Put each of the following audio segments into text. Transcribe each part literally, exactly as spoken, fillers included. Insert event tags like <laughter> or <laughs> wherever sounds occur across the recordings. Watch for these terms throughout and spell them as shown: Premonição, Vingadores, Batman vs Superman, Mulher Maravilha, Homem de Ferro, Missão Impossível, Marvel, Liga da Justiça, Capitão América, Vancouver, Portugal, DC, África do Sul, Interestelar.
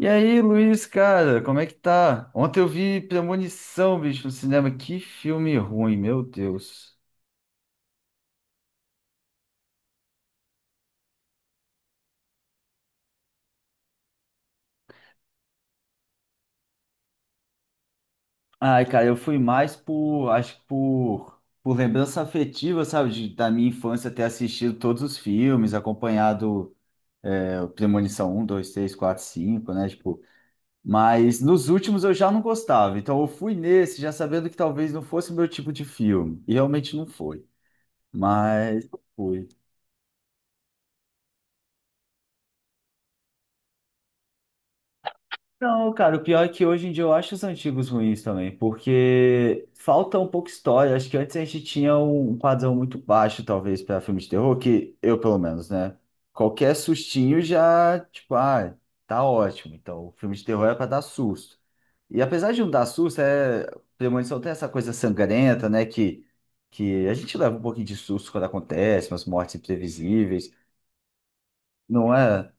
E aí, Luiz, cara, como é que tá? Ontem eu vi Premonição, bicho, no cinema. Que filme ruim, meu Deus. Ai, cara, eu fui mais por, acho que por, por lembrança afetiva, sabe, de- da minha infância ter assistido todos os filmes, acompanhado é, o Premonição um, dois, três, quatro, cinco, né, tipo, mas nos últimos eu já não gostava, então eu fui nesse já sabendo que talvez não fosse o meu tipo de filme, e realmente não foi, mas fui. Não, cara, o pior é que hoje em dia eu acho os antigos ruins também, porque falta um pouco história. Acho que antes a gente tinha um padrão muito baixo, talvez, para filme de terror, que eu, pelo menos, né? Qualquer sustinho já, tipo, ah, tá ótimo. Então, o filme de terror é para dar susto. E apesar de não dar susto, é... Premonição tem essa coisa sangrenta, né? Que, que a gente leva um pouquinho de susto quando acontece, umas mortes imprevisíveis, não é?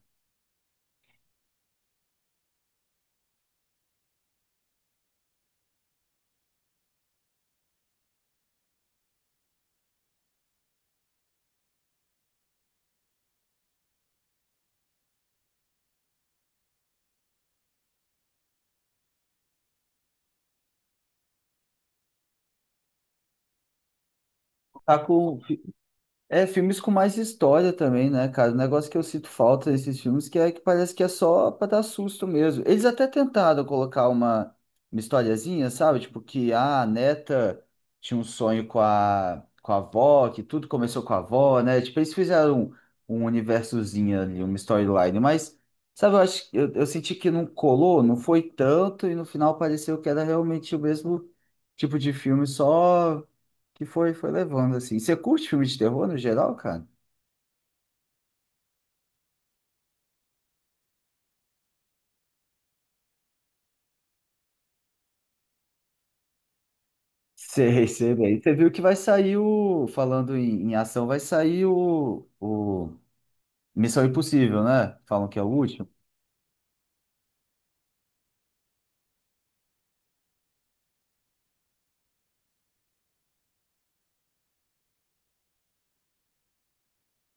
Tá com É, filmes com mais história também, né, cara? O negócio que eu sinto falta desses filmes que é que parece que é só pra dar susto mesmo. Eles até tentaram colocar uma, uma historiazinha, sabe? Tipo que ah, a neta tinha um sonho com a, com a, avó, que tudo começou com a avó, né? Tipo, eles fizeram um, um universozinho ali, uma storyline, mas, sabe, eu acho, eu, eu senti que não colou, não foi tanto, e no final pareceu que era realmente o mesmo tipo de filme, só que foi, foi levando, assim. Você curte filme de terror no geral, cara? Sei, sei bem. Você viu que vai sair o. Falando em, em ação, vai sair o, o Missão Impossível, né? Falam que é o último.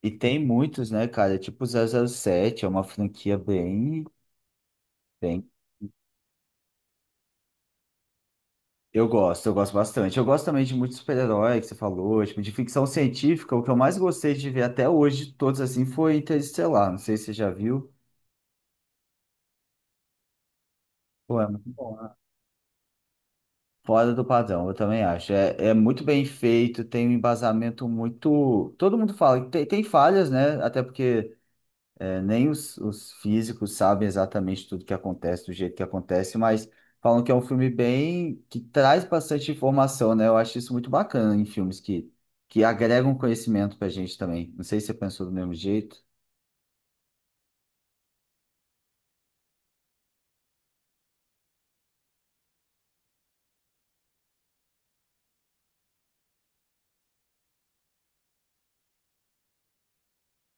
E tem muitos, né, cara? É tipo zero zero sete é uma franquia bem, bem. Eu gosto, eu gosto bastante. Eu gosto também de muitos super-heróis que você falou, tipo, de ficção científica. O que eu mais gostei de ver até hoje, de todos assim, foi Interestelar. Não sei se você já viu. Pô, é muito bom. Fora do padrão, eu também acho. É, é muito bem feito, tem um embasamento muito. Todo mundo fala, que tem, tem falhas, né? Até porque é, nem os, os físicos sabem exatamente tudo que acontece, do jeito que acontece, mas falam que é um filme bem que traz bastante informação, né? Eu acho isso muito bacana em filmes que, que agregam conhecimento pra gente também. Não sei se você pensou do mesmo jeito.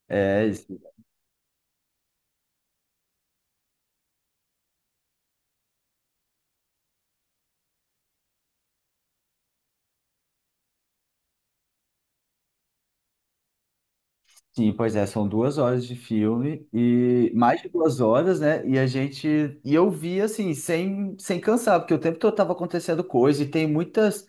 É, sim, pois é, são duas horas de filme e mais de duas horas, né? E a gente e eu vi assim sem sem cansar, porque o tempo todo tava acontecendo coisa e tem muitas,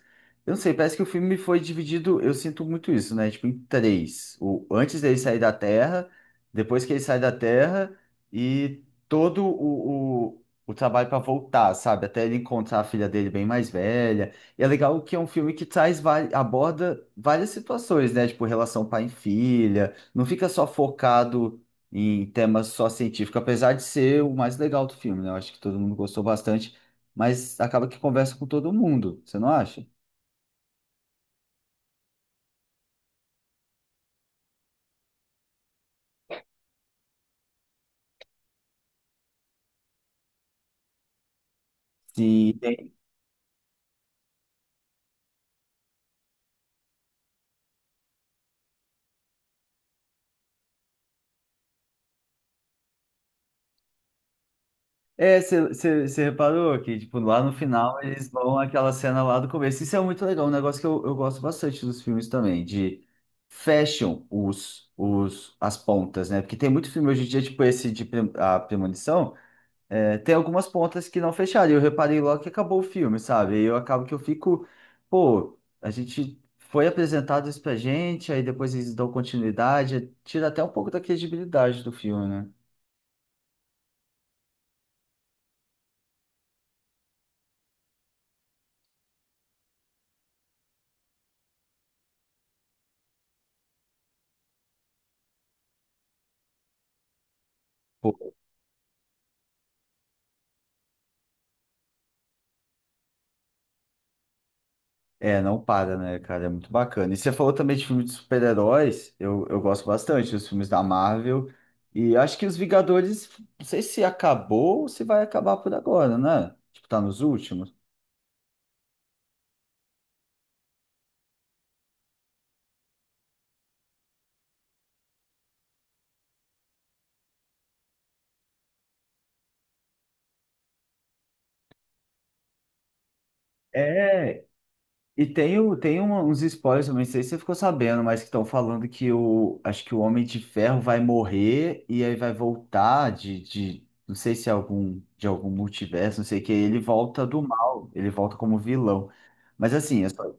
eu não sei, parece que o filme foi dividido, eu sinto muito isso, né? Tipo em três, o antes dele sair da Terra, depois que ele sai da Terra e todo o, o, o trabalho para voltar, sabe? Até ele encontrar a filha dele bem mais velha. E é legal que é um filme que traz vari- aborda várias situações, né? Tipo relação pai e filha não fica só focado em temas só científicos, apesar de ser o mais legal do filme, né? Eu acho que todo mundo gostou bastante, mas acaba que conversa com todo mundo, você não acha? Sim. tem- É, você reparou que, tipo, lá no final eles vão àquela cena lá do começo. Isso é muito legal, um negócio que eu, eu gosto bastante dos filmes também, de fecham os, os, as pontas, né? Porque tem muito filme hoje em dia, tipo esse de pre- a premonição, é, tem algumas pontas que não fecharam. E eu reparei logo que acabou o filme, sabe? E eu acabo que eu fico, pô, a gente foi apresentado isso pra gente, aí depois eles dão continuidade, tira até um pouco da credibilidade do filme, né? Pô, é, não para, né, cara? É muito bacana. E você falou também de filme de super-heróis, eu, eu gosto bastante dos filmes da Marvel. E acho que os Vingadores, não sei se acabou ou se vai acabar por agora, né? Tipo, tá nos últimos. É. E tem, o- tem uma- uns spoilers, eu não sei se você ficou sabendo, mas que estão falando que o, acho que o Homem de Ferro vai morrer e aí vai voltar de, de, não sei se é algum, de algum multiverso, não sei o que, ele volta do mal, ele volta como vilão. Mas assim, é só...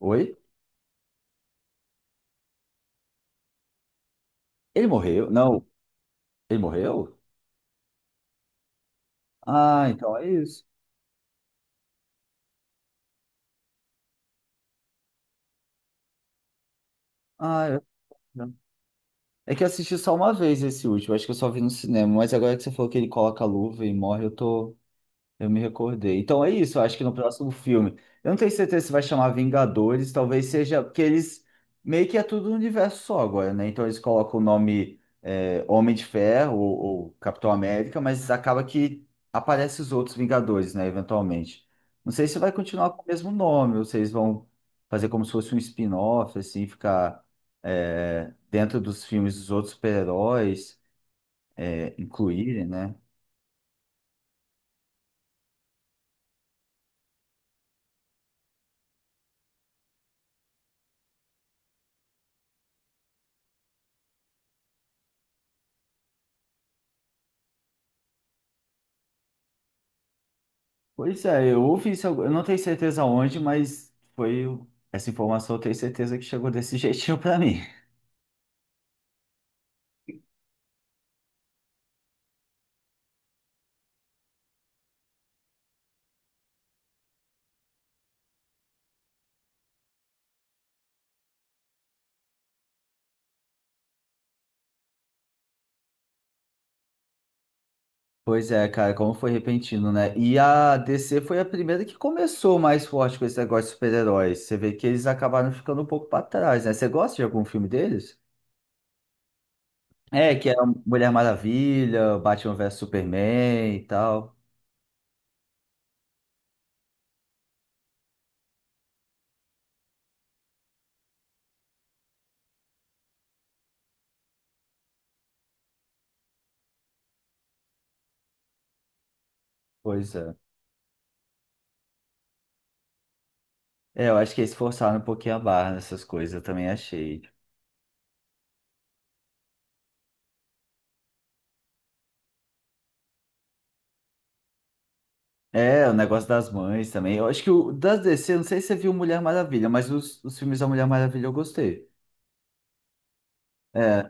Oi? Ele morreu? Não, ele morreu? Ah, então é isso. Ah, eu... não. É que eu assisti só uma vez esse último, acho que eu só vi no cinema, mas agora que você falou que ele coloca a luva e morre, eu tô Eu me recordei. Então é isso, eu acho que no próximo filme. Eu não tenho certeza se vai chamar Vingadores, talvez seja, porque eles meio que é tudo um universo só agora, né? Então eles colocam o nome é, Homem de Ferro ou, ou, Capitão América, mas acaba que aparece os outros Vingadores, né? Eventualmente. Não sei se vai continuar com o mesmo nome, ou se eles vão fazer como se fosse um spin-off, assim, ficar é, dentro dos filmes dos outros super-heróis, é, incluírem, né? Pois é, eu ouvi isso, eu não tenho certeza onde, mas foi essa informação, eu tenho certeza que chegou desse <laughs> jeitinho pra mim. Pois é, cara, como foi repentino, né? E a D C foi a primeira que começou mais forte com esse negócio de super-heróis. Você vê que eles acabaram ficando um pouco pra trás, né? Você gosta de algum filme deles? É, que era Mulher Maravilha, Batman vs Superman e tal. Pois é. É, eu acho que eles forçaram um pouquinho a barra nessas coisas, eu também achei. É, o negócio das mães também. Eu acho que o das D C, eu não sei se você viu Mulher Maravilha, mas os, os filmes da Mulher Maravilha eu gostei. É,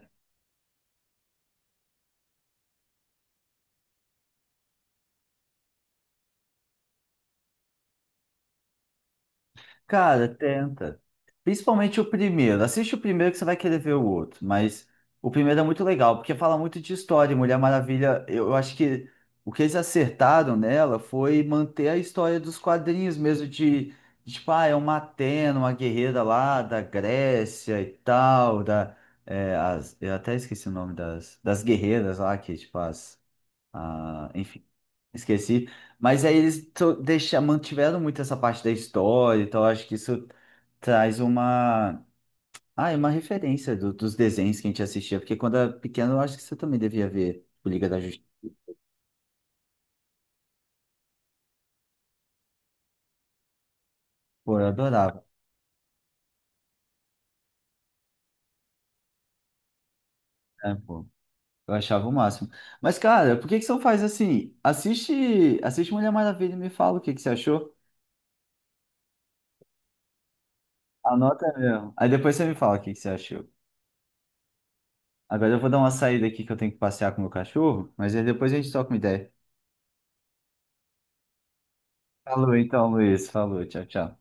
cara, tenta. Principalmente o primeiro. Assiste o primeiro que você vai querer ver o outro. Mas o primeiro é muito legal, porque fala muito de história. E Mulher Maravilha, eu eu acho que o que eles acertaram nela foi manter a história dos quadrinhos mesmo, de, de, tipo, ah, é uma Atena, uma guerreira lá da Grécia e tal, da, é, as, eu até esqueci o nome das, das guerreiras lá, que, tipo, as, a, enfim. Esqueci. Mas aí eles to- deixa, mantiveram muito essa parte da história, então eu acho que isso traz uma, ah, é uma referência do- dos desenhos que a gente assistia, porque quando era pequeno eu acho que você também devia ver o Liga da Justiça. Pô, eu adorava, né, pô? Eu achava o máximo. Mas, cara, por que que você não faz assim? Assiste, assiste Mulher Maravilha e me fala o que que você achou. Anota mesmo. Aí depois você me fala o que que você achou. Agora eu vou dar uma saída aqui que eu tenho que passear com o meu cachorro, mas aí depois a gente toca uma ideia. Falou então, Luiz. Falou, tchau, tchau.